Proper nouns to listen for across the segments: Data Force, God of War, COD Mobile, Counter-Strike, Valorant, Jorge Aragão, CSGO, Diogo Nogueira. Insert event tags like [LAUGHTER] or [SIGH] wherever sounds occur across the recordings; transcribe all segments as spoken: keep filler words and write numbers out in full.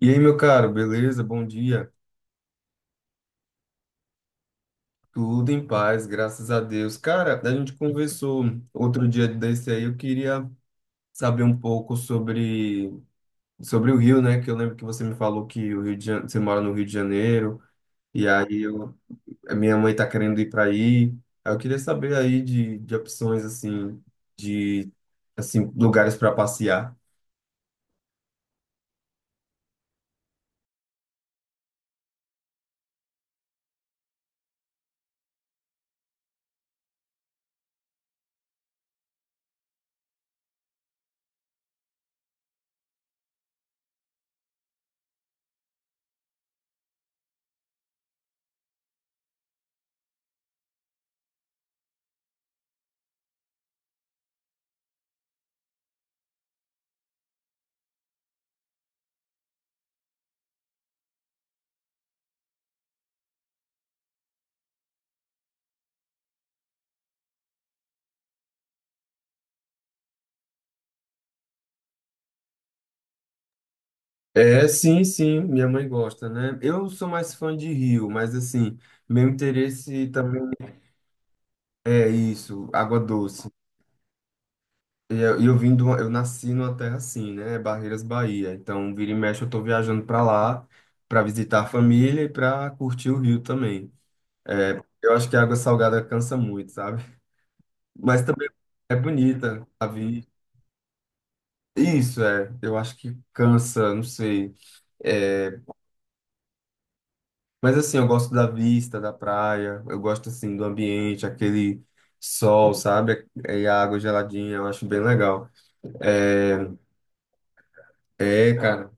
E aí, meu caro, beleza? Bom dia. Tudo em paz, graças a Deus. Cara, a gente conversou outro dia desse aí, eu queria saber um pouco sobre, sobre o Rio, né? Que eu lembro que você me falou que o Rio de Janeiro, você mora no Rio de Janeiro, e aí eu, a minha mãe tá querendo ir para aí. Aí eu queria saber aí de, de opções, assim, de assim, lugares para passear. É, sim, sim, minha mãe gosta, né? Eu sou mais fã de Rio, mas assim, meu interesse. É isso, água doce. E eu, e eu vim de uma- eu nasci numa terra assim, né? Barreiras, Bahia. Então, vira e mexe, eu tô viajando pra lá pra visitar a família e pra curtir o Rio também. É, eu acho que a água salgada cansa muito, sabe? [LAUGHS] Mas também é bonita a vida. Isso é, eu acho que cansa, não sei. É, mas assim, eu gosto da vista da praia, eu gosto assim do ambiente, aquele sol, sabe? E a água geladinha, eu acho bem legal. É, é, cara.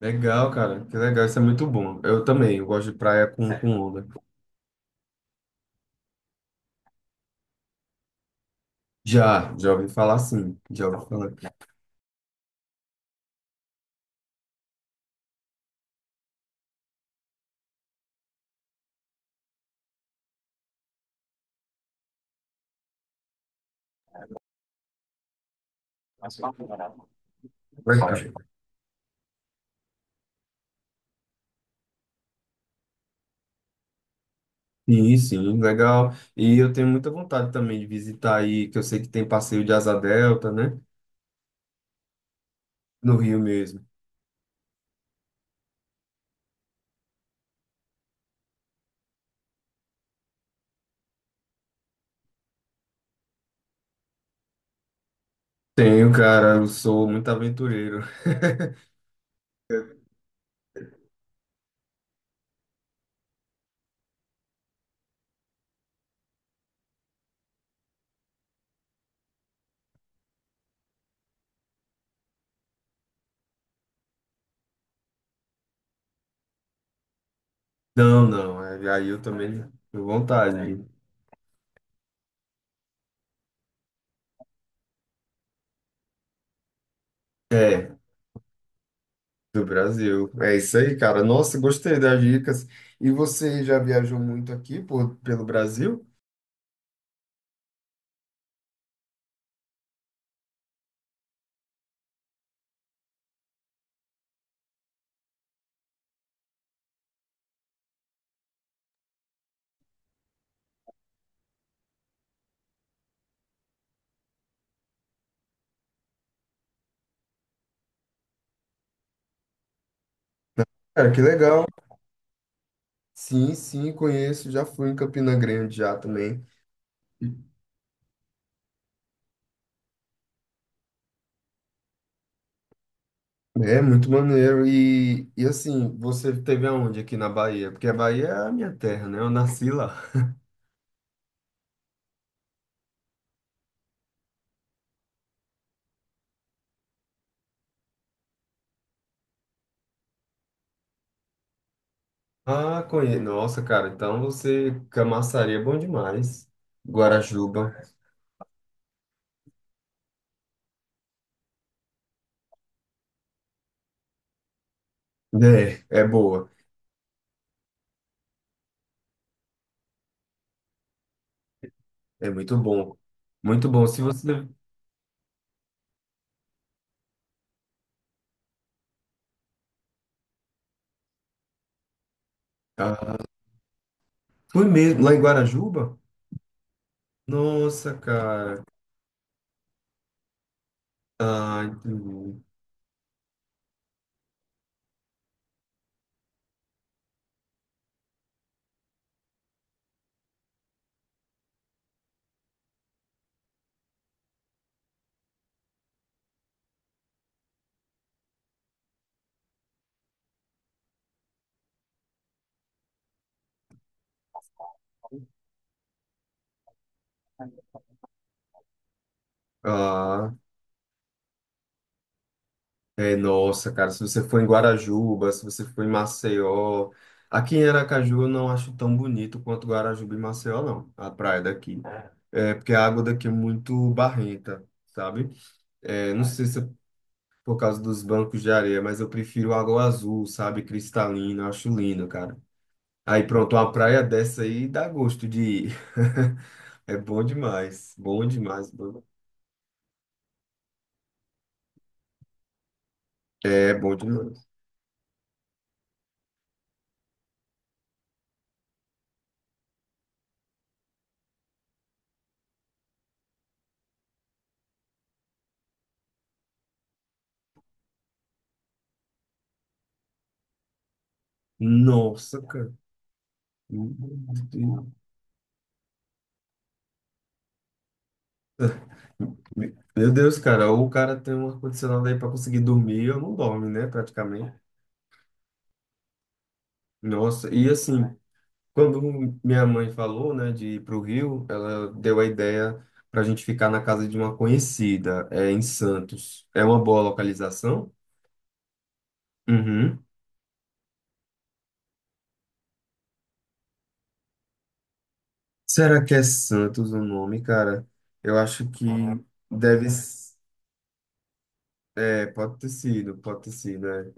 Legal, cara. Que legal. Isso é muito bom. Eu também. Eu gosto de praia com, com onda. Já, já ouvi falar, sim. Já ouvi falar. Legal. Sim, sim, legal. E eu tenho muita vontade também de visitar aí, que eu sei que tem passeio de Asa Delta, né? No Rio mesmo. Tenho, cara. Eu sou muito aventureiro. [LAUGHS] Não, não. É, aí eu também tenho vontade. É, do Brasil. É isso aí, cara. Nossa, gostei das dicas. E você já viajou muito aqui por, pelo Brasil? Cara, que legal. Sim, sim, conheço. Já fui em Campina Grande já também. É muito maneiro. E, e assim, você teve aonde aqui na Bahia? Porque a Bahia é a minha terra, né? Eu nasci lá. Ah, conheço. Nossa, cara, então você. Camaçari é bom demais. Guarajuba. É, é boa. É muito bom. Muito bom. Se você. Ah, fui mesmo lá em Guarajuba? Nossa, cara. Ah, entendi. Ah, é, nossa, cara, se você for em Guarajuba, se você for em Maceió, aqui em Aracaju eu não acho tão bonito quanto Guarajuba e Maceió, não, a praia daqui. É, porque a água daqui é muito barrenta, sabe? É, não sei se é por causa dos bancos de areia, mas eu prefiro água azul, sabe? Cristalina, eu acho lindo, cara. Aí pronto, uma praia dessa aí dá gosto de ir. [LAUGHS] É bom demais, bom demais, bom. É bom demais. Nossa, cara. Meu Deus, cara, ou o cara tem um ar-condicionado aí pra conseguir dormir, eu não dorme, né, praticamente. Nossa, e assim, quando minha mãe falou, né, de ir pro Rio, ela deu a ideia pra gente ficar na casa de uma conhecida, é, em Santos. É uma boa localização? Uhum. Será que é Santos o nome, cara? Eu acho que deve. S-, é, pode ter sido, pode ter sido, é.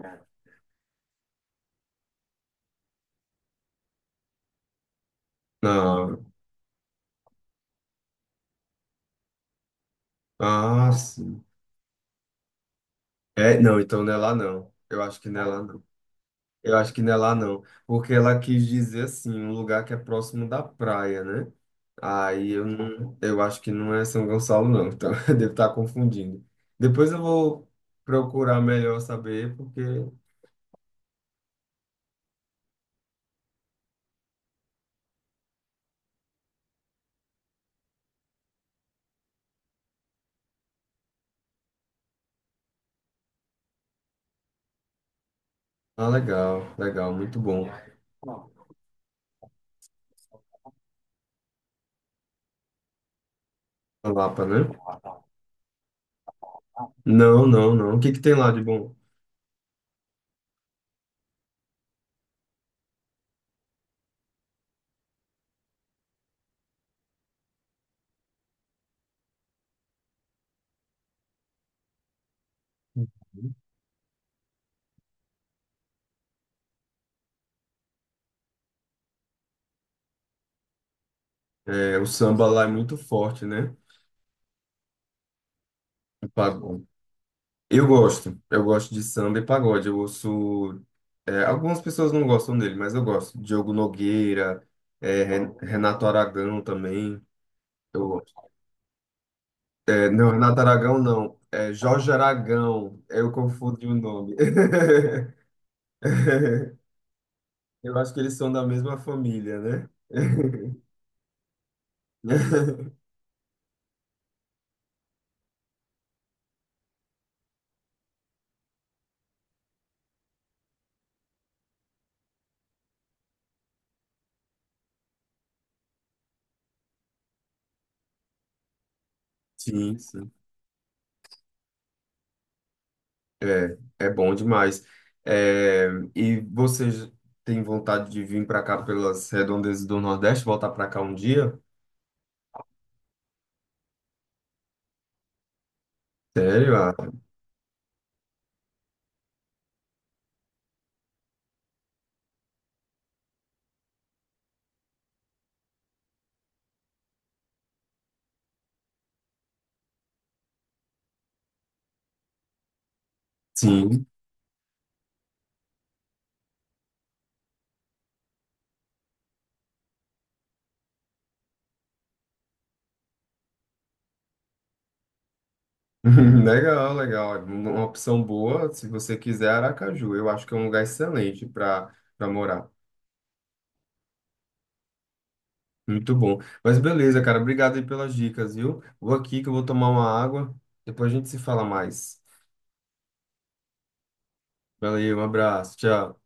Não. Ah, sim. É, não, então não é lá não. Eu acho que não é lá não. Eu acho que não é lá não, porque ela quis dizer assim, um lugar que é próximo da praia, né? Aí eu não, eu acho que não é São Gonçalo não, então [LAUGHS] eu devo estar confundindo. Depois eu vou procurar melhor saber, porque ah, legal, legal, muito bom. A Lapa, né? Não, não, não. O que que tem lá de bom? É, o samba lá é muito forte, né? O pagode. Eu gosto, eu gosto de samba e pagode. Eu ouço. É, algumas pessoas não gostam dele, mas eu gosto. Diogo Nogueira, é, Ren- Renato Aragão também. Eu gosto. É, não, Renato Aragão não. É Jorge Aragão. Eu confundi o nome. [LAUGHS] Eu acho que eles são da mesma família, né? [LAUGHS] Sim, sim. É, é bom demais. É, e você j- tem vontade de vir para cá pelas redondezas do Nordeste, voltar para cá um dia? Sério? Ah, sim. [LAUGHS] Legal, legal. Uma opção boa, se você quiser, Aracaju. Eu acho que é um lugar excelente para para morar. Muito bom. Mas beleza, cara. Obrigado aí pelas dicas, viu? Vou aqui que eu vou tomar uma água. Depois a gente se fala mais. Valeu, um abraço. Tchau.